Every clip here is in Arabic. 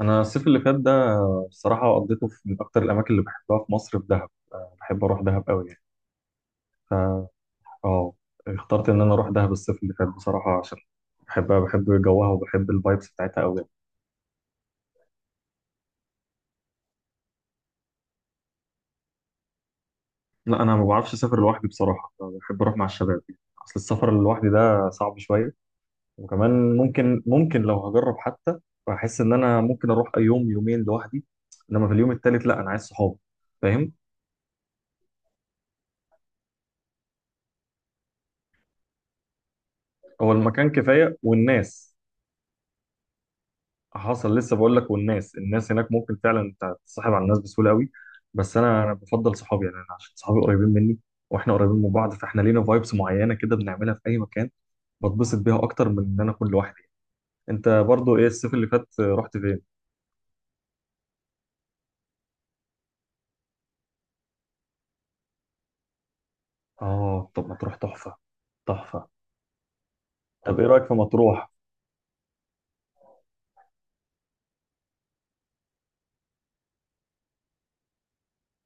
انا الصيف اللي فات ده بصراحه قضيته في من اكتر الاماكن اللي بحبها في مصر، في دهب. أه، بحب اروح دهب قوي يعني. اه، اخترت ان انا اروح دهب الصيف اللي فات بصراحه عشان بحبها، بحب جوها وبحب الفايبس بتاعتها قوي. لا، انا ما بعرفش اسافر لوحدي بصراحه. بحب اروح مع الشباب يعني. اصل السفر لوحدي ده صعب شويه. وكمان ممكن لو هجرب حتى بحس ان انا ممكن اروح يوم يومين لوحدي، انما في اليوم التالت لا، انا عايز صحابي. فاهم. هو المكان كفايه والناس. حصل لسه بقول لك، والناس هناك ممكن فعلا انت تتصاحب على الناس بسهوله قوي. بس انا بفضل صحابي يعني، انا عشان صحابي قريبين مني واحنا قريبين من بعض، فاحنا لينا فايبس معينه كده بنعملها في اي مكان. بتبسط بيها اكتر من ان انا اكون لوحدي. انت برضو ايه الصيف اللي فات رحت فين؟ اه، طب مطروح تحفه، تحفه. طب ايه رايك في مطروح؟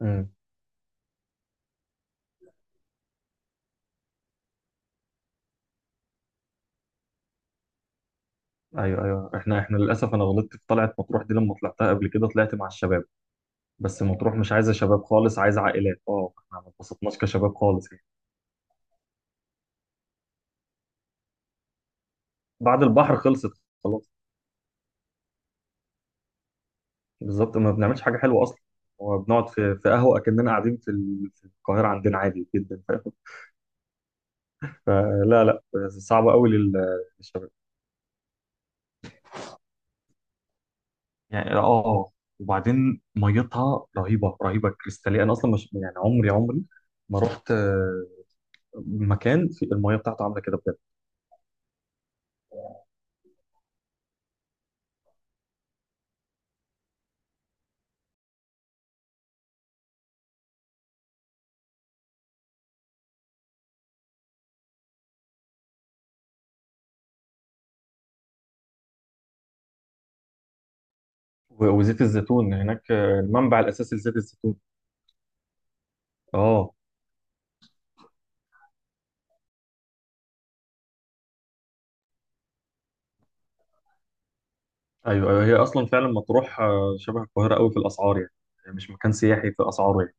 امم. ايوه، ايوه، احنا للاسف، انا غلطت في طلعه مطروح دي، لما طلعتها قبل كده طلعت مع الشباب. بس مطروح مش عايزه شباب خالص، عايزه عائلات. اه، احنا ما اتبسطناش كشباب خالص. بعد البحر خلصت. خلاص. بالظبط، ما بنعملش حاجه حلوه اصلا. هو بنقعد في قهوه اكننا قاعدين في القاهره عندنا، عادي جدا، فاهم. فلا، لا، صعبه قوي للشباب يعني. اه، وبعدين ميتها رهيبه، رهيبه، كريستاليه. انا اصلا مش يعني عمري، عمري ما رحت، مكان في الميه بتاعته عامله كده بجد. وزيت الزيتون هناك، المنبع الاساسي لزيت الزيتون. اه، ايوه، أيوة، هي اصلا فعلا مطروح شبه القاهره قوي في الاسعار، يعني مش مكان سياحي في اسعاره يعني.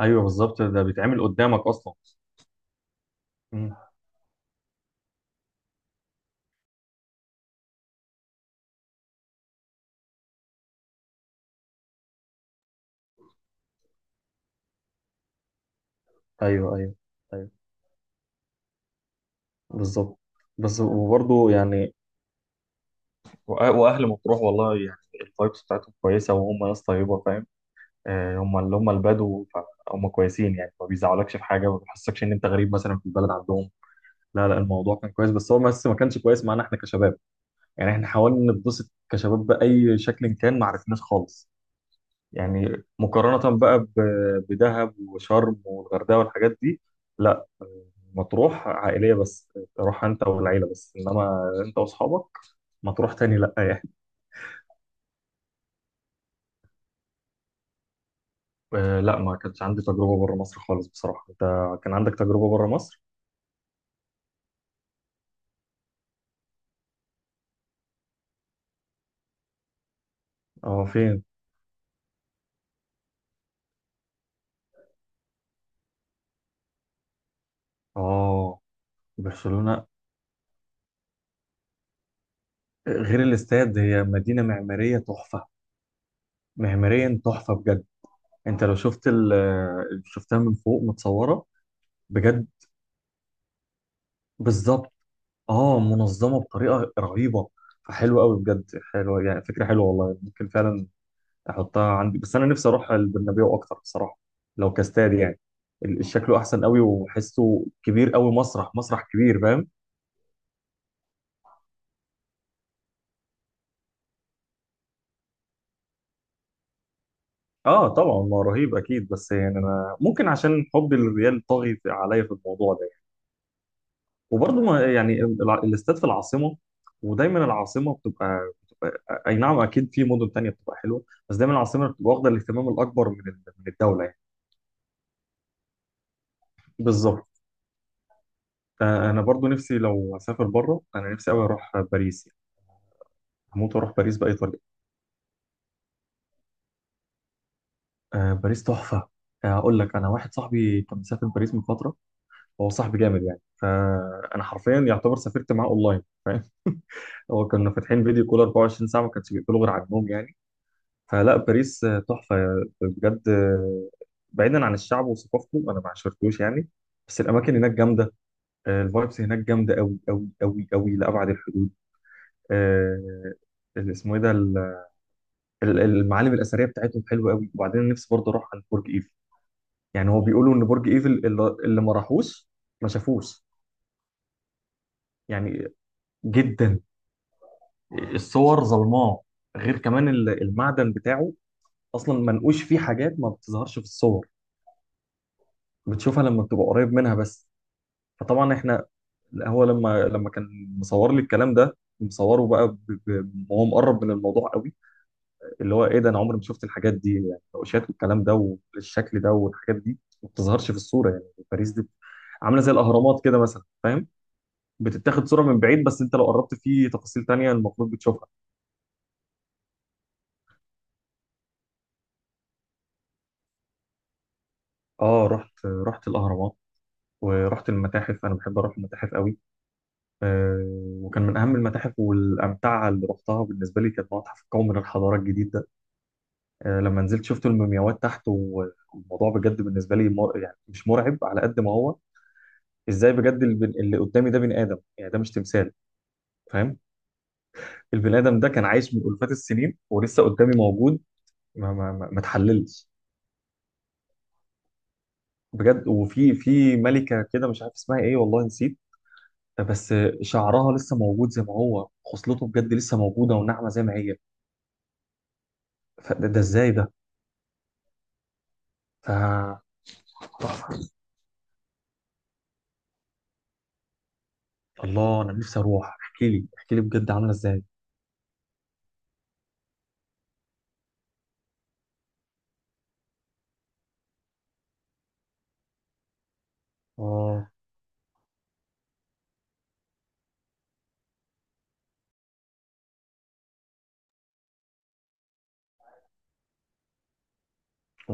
ايوه، بالظبط، ده بيتعمل قدامك اصلا. مم. ايوه، ايوه، ايوه، بالظبط. بس وبرضه يعني. واهل مطروح والله يعني الفايبس بتاعتهم كويسه، وهم ناس طيبه، فاهم. هم اللي هم البدو، فهم كويسين يعني، ما بيزعلكش في حاجه، ما بيحسكش ان انت غريب مثلا في البلد عندهم. لا لا، الموضوع كان كويس، بس هو ما كانش كويس معانا احنا كشباب يعني. احنا حاولنا نتبسط كشباب باي شكل كان، ما عرفناش خالص يعني، مقارنة بقى بدهب وشرم والغردقة والحاجات دي. لا، مطروح عائلية بس، تروح انت والعيلة بس، انما انت واصحابك مطروح تاني لا يعني. لا، ما كانش عندي تجربة بره مصر خالص بصراحة. انت كان عندك تجربة بره مصر؟ اه، فين؟ اه، برشلونة، غير الاستاد هي مدينة معمارية تحفة. معماريا تحفة بجد. انت لو شفت شفتها من فوق متصورة. بجد. بالظبط. اه، منظمه بطريقه رهيبه. فحلوه قوي بجد، حلوه يعني، فكره حلوه والله. ممكن فعلا احطها عندي، بس انا نفسي اروح البرنابيو اكتر بصراحه. لو كاستاد يعني، شكله احسن قوي وحسه كبير قوي، مسرح، مسرح كبير، فاهم. اه، طبعا ما رهيب اكيد، بس يعني انا ممكن عشان حب الريال طاغي عليا في الموضوع ده يعني. وبرضه ما يعني الاستاد في العاصمه، ودايما العاصمه بتبقى اي نعم، اكيد في مدن تانية بتبقى حلوه، بس دايما العاصمه بتبقى واخده الاهتمام الاكبر من الدوله. بالظبط. انا برضو نفسي لو اسافر بره، انا نفسي قوي اروح باريس يعني. هموت واروح باريس باي طريقه. باريس تحفه. اقول لك، انا واحد صاحبي كان مسافر باريس من فتره. هو صاحبي جامد يعني، فانا حرفيا يعتبر سافرت معاه اونلاين. هو كنا فاتحين فيديو كول 24 ساعه، ما كانش بيقفلوا غير على النوم يعني. فلا، باريس تحفه بجد. بعيدا عن الشعب وثقافته انا ما عشرتوش يعني، بس الاماكن هناك جامده. الفايبس هناك جامده قوي قوي قوي قوي لابعد الحدود. آه، اللي اسمه ايه ده، المعالم الاثريه بتاعتهم حلوه قوي. وبعدين نفسي برضه اروح عند برج ايفل، يعني هو بيقولوا ان برج ايفل اللي ما راحوش ما شافوش يعني، جدا. الصور ظلماء، غير كمان المعدن بتاعه اصلا منقوش فيه حاجات ما بتظهرش في الصور، بتشوفها لما بتبقى قريب منها بس. فطبعا احنا هو لما كان مصور لي الكلام ده، مصوره بقى وهو مقرب من الموضوع، اللي هو ايه ده، انا عمري ما شفت الحاجات دي يعني، النقوشات والكلام ده والشكل ده والحاجات دي ما بتظهرش في الصوره يعني. باريس دي عامله زي الاهرامات كده مثلا فاهم، بتتاخد صوره من بعيد بس انت لو قربت في تفاصيل تانية المفروض بتشوفها. اه، رحت، رحت الاهرامات ورحت المتاحف، انا بحب اروح المتاحف قوي. آه، وكان من اهم المتاحف والامتعه اللي رحتها بالنسبه لي كان متحف القومي من الحضاره الجديد ده. آه، لما نزلت شفت المومياوات تحت، والموضوع بجد بالنسبه لي يعني مش مرعب على قد ما هو ازاي بجد. اللي قدامي ده بني ادم يعني، ده مش تمثال، فاهم. البني ادم ده كان عايش من الفات السنين ولسه قدامي موجود، ما اتحللش بجد. وفي ملكه كده مش عارف اسمها ايه والله نسيت، بس شعرها لسه موجود زي ما هو، خصلته بجد لسه موجوده وناعمه زي ما هي. فده، ازاي ده؟ ف الله، انا نفسي اروح. احكي لي، احكي لي بجد عامله ازاي. اه.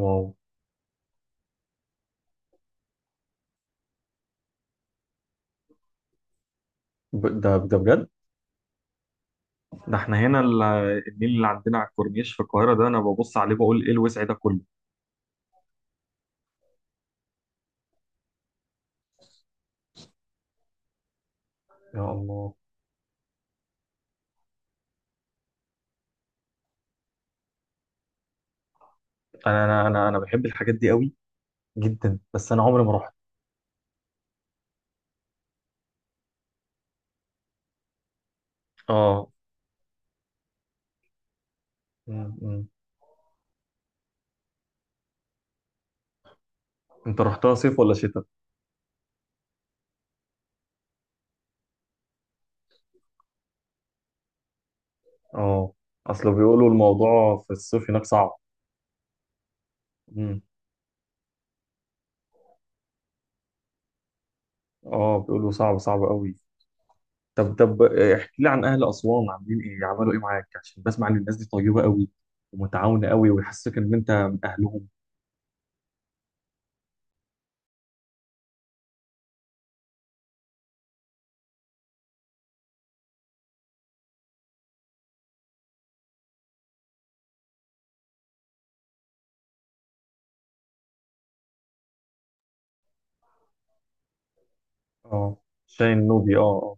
واو. ده ده بجد. ده احنا هنا النيل اللي عندنا على الكورنيش في القاهره ده، انا ببص عليه بقول ايه الوسع ده كله. يا الله. انا بحب الحاجات دي قوي جدا، بس انا عمري ما رحت. اه. مم، مم. انت رحتها صيف ولا شتاء؟ اه، اصل بيقولوا الموضوع في الصيف هناك صعب. مم. اه، بيقولوا صعب صعب قوي. طب، طب احكي لي عن اهل اسوان، عاملين ايه، عملوا ايه معاك؟ عشان بسمع ان الناس دي طيبة قوي ومتعاونه قوي ويحسسك ان انت من اهلهم. اه، شاي النوبي، اه اه.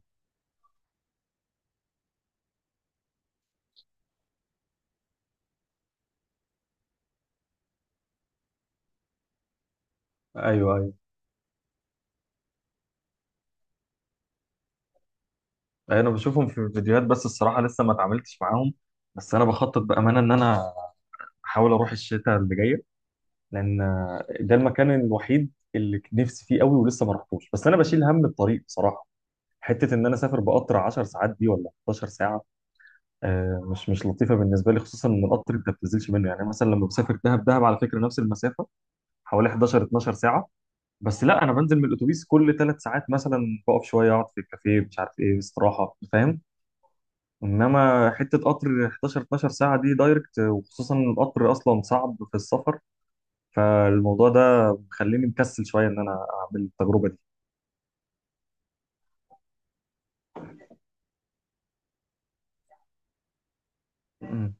ايوه، ايوه، أيوة، انا بشوفهم في الفيديوهات، بس الصراحة لسه ما اتعاملتش معاهم. بس انا بخطط بأمانة ان انا احاول اروح الشتاء اللي جايه، لان ده المكان الوحيد اللي نفسي فيه قوي ولسه ما رحتوش. بس انا بشيل هم الطريق بصراحه، حته ان انا اسافر بقطر 10 ساعات دي ولا 11 ساعه، آه، مش لطيفه بالنسبه لي، خصوصا ان القطر انت ما بتنزلش منه. يعني مثلا لما بسافر دهب، دهب على فكره نفس المسافه حوالي 11 12 ساعه، بس لا انا بنزل من الاتوبيس كل 3 ساعات مثلا، بقف شويه، اقعد في الكافيه، مش عارف ايه، استراحه، فاهم. انما حته قطر 11 12 ساعه دي دايركت، وخصوصا إن القطر اصلا صعب في السفر. فالموضوع ده مخليني مكسل شويه ان انا اعمل التجربه دي. مم.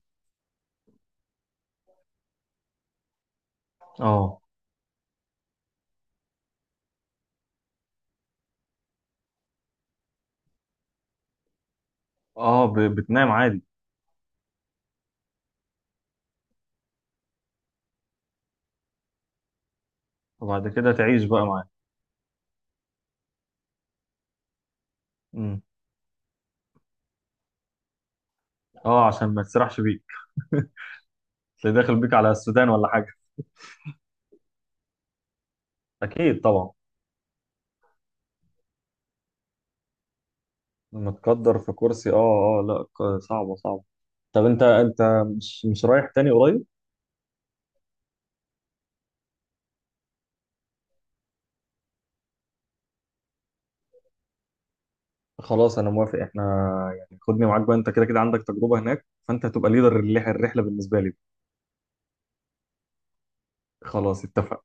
اه اه، بتنام عادي. وبعد كده تعيش بقى معاه. مم. اه، عشان ما تسرحش بيك. اللي داخل بيك على السودان ولا حاجه، اكيد طبعا. متقدر في كرسي اه، اه لا، صعبه صعبه. طب، انت مش، مش رايح تاني قريب؟ خلاص انا موافق. احنا يعني، خدني معاك بقى، انت كده كده عندك تجربه هناك، فانت هتبقى ليدر الرحله بالنسبه لي. خلاص، اتفقنا.